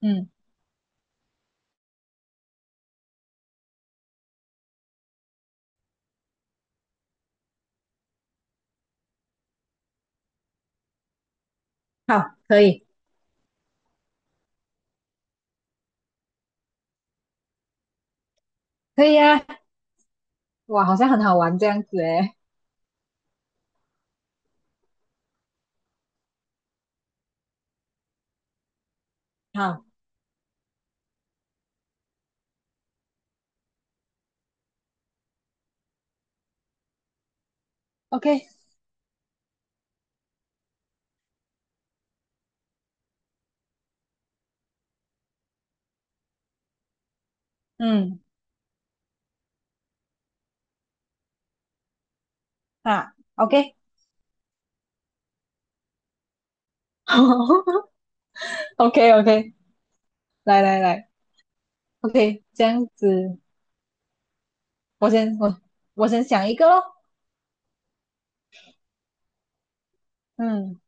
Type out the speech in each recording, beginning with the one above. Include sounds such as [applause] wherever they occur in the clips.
嗯，好，可以，可以啊，哇，好像很好玩这样子诶。好，OK，嗯，啊，OK，o k o k [laughs] 来来来，OK，这样子，我先我我先想一个咯。嗯，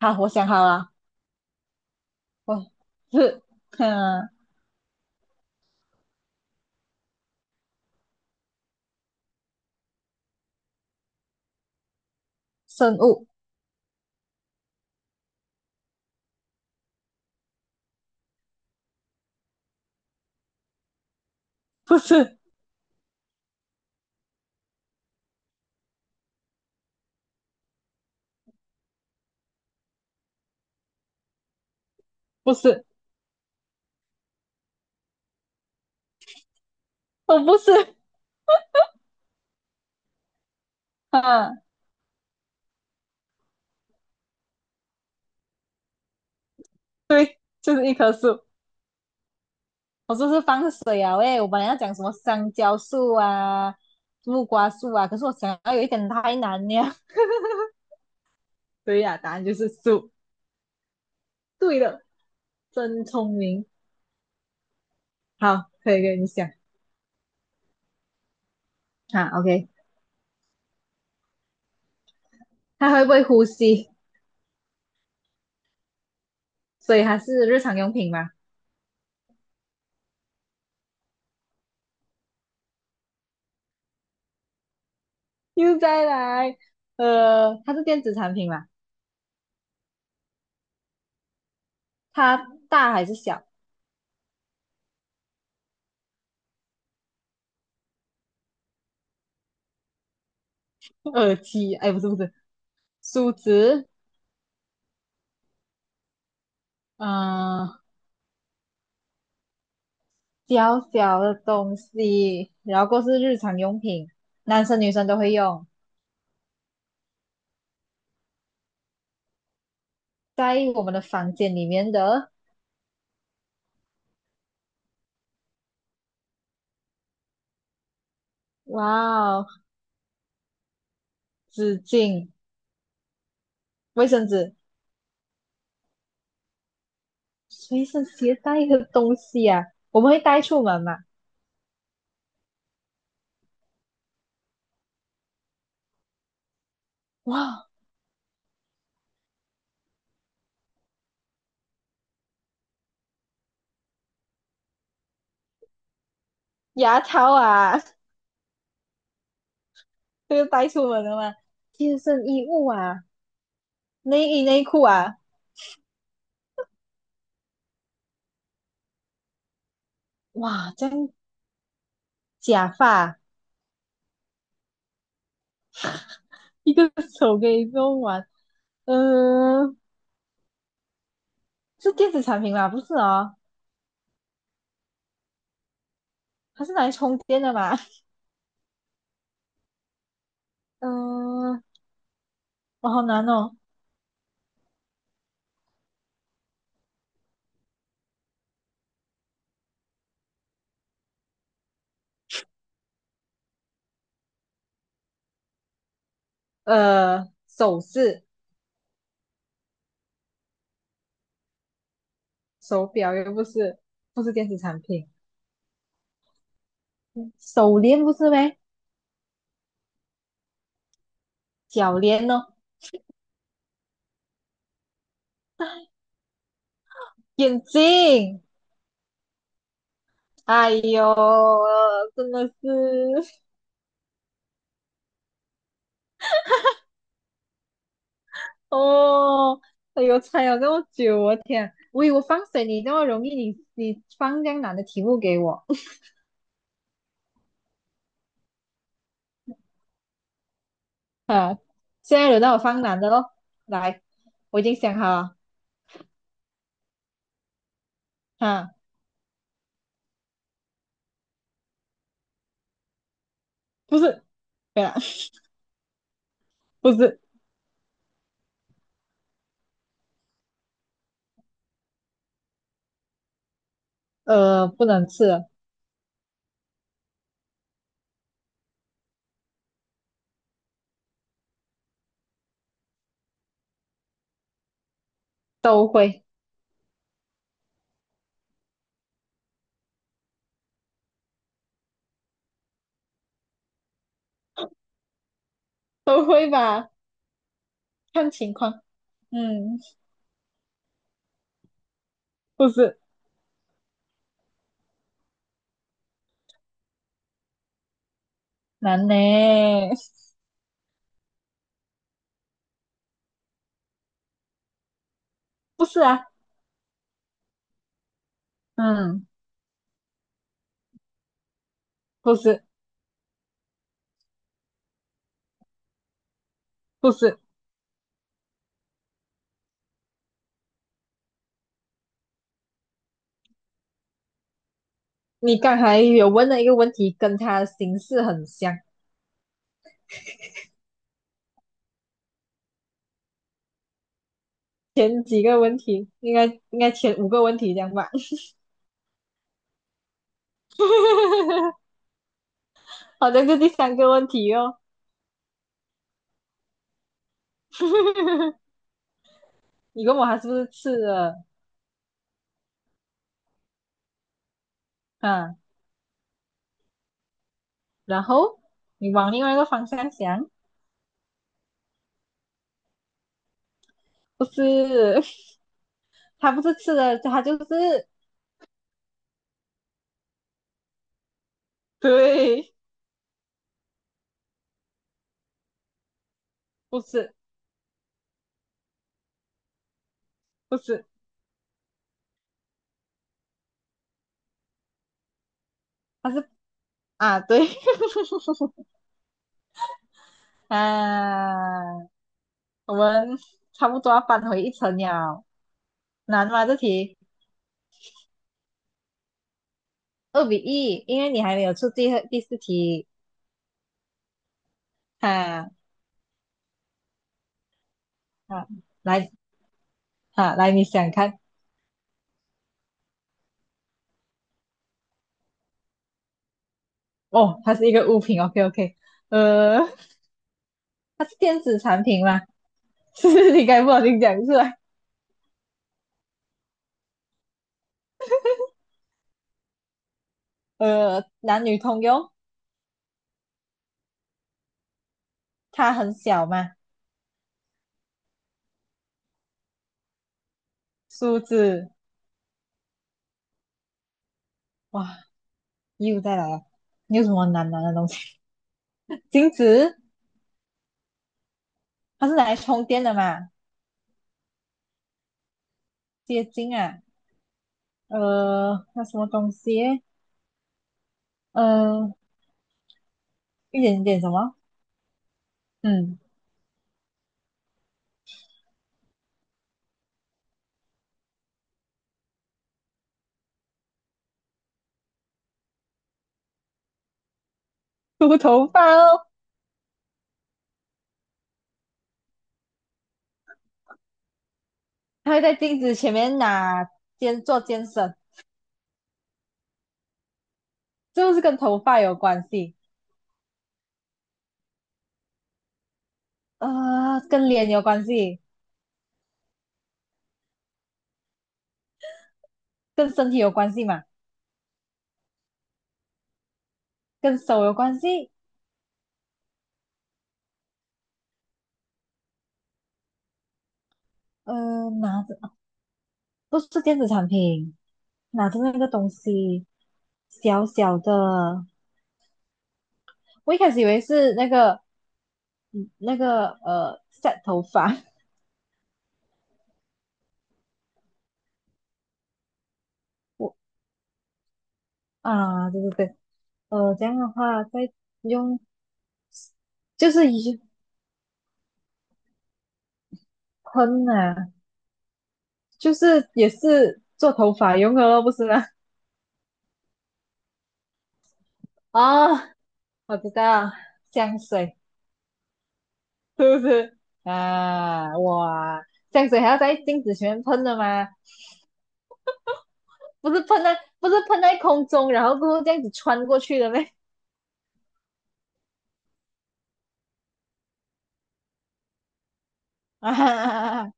好，我想好了，我是，嗯，生物，不是，不是，我不是，啊，对，就是一棵树。我说是放水啊，喂，我本来要讲什么香蕉树啊、木瓜树啊，可是我想要有一点太难了。对呀、答案就是鼠。对了，真聪明。好，可以跟你讲啊。OK，它会不会呼吸？所以它是日常用品嘛。又再来，它是电子产品嘛？它大还是小？[laughs] 耳机？哎，不是不是，梳子。嗯、呃小小的东西，然后过是日常用品，男生女生都会用，在我们的房间里面的。哇哦，纸巾、卫生纸。随身携带的东西啊，我们会带出门嘛？哇，牙套啊，[laughs] 这个带出门的嘛，贴身衣物啊，内衣内裤啊，哇，这样假发啊， [laughs] 一个手可以用完，嗯、呃，是电子产品吧？不是哦，它是拿来充电的嘛？[laughs] 嗯、呃我好难哦，首饰、手表又不是，不是电子产品，手链不是呗？脚链哦，眼镜。哎呦，真的是哦，哎呦，猜了这么久，我天，我以为我放水你那么容易，你你放这样难的题目给我。 [laughs] 啊！现在轮到我放难的喽，来，我已经想好了，啊，不是，对啊，[laughs] 不是，不能吃了，都会，都会吧，看情况，嗯，不是，难呢，[laughs] 不是啊，嗯，不是，不是。你刚才有问的一个问题跟他形式很像，前几个问题应该前五个问题这样吧？[laughs] 好像是第三个问题哦。[laughs] 你问我他是不是吃的？嗯，然后你往另外一个方向想，不是，[laughs] 他不是吃的，他就是对，不是不是，他是啊对，[laughs] 啊，我们差不多要返回一层了，难吗这题？2-1，因为你还没有出第二第四题。哈哈，来哈来，你想看哦？它是一个物品，OK OK。呃，它是电子产品吗？[laughs] 是你该不好听讲出来。男女通用，它很小嘛，梳子。哇，又再来了，你有什么难拿的东西？镜子，它是拿来充电的嘛？接近啊，那什么东西？呃，一点点什么？嗯，梳头发哦。他会在镜子前面拿肩做肩绳，就是跟头发有关系，跟脸有关系，跟身体有关系嘛，跟手有关系，拿着不是电子产品，拿着那个东西，小小的，我一开始以为是那个嗯那个set 头发，我啊，对对对，这样的话再用就是一喷啊，就是也是做头发用的咯，不是吗？哦，我知道，香水是不是啊？哇，香水还要在镜子前面喷的吗？不是喷在，不是喷在空中，然后过后这样子穿过去的咩？[laughs] 啊，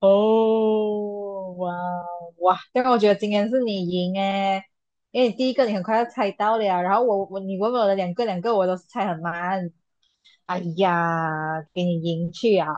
哦，哇哇，这个我觉得今天是你赢诶，因为第一个你很快要猜到了，然后我你问我的两个我都是猜很慢，哎呀，给你赢去啊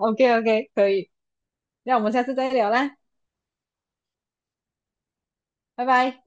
，OK OK，[laughs] 可以，那我们下次再聊啦，拜拜。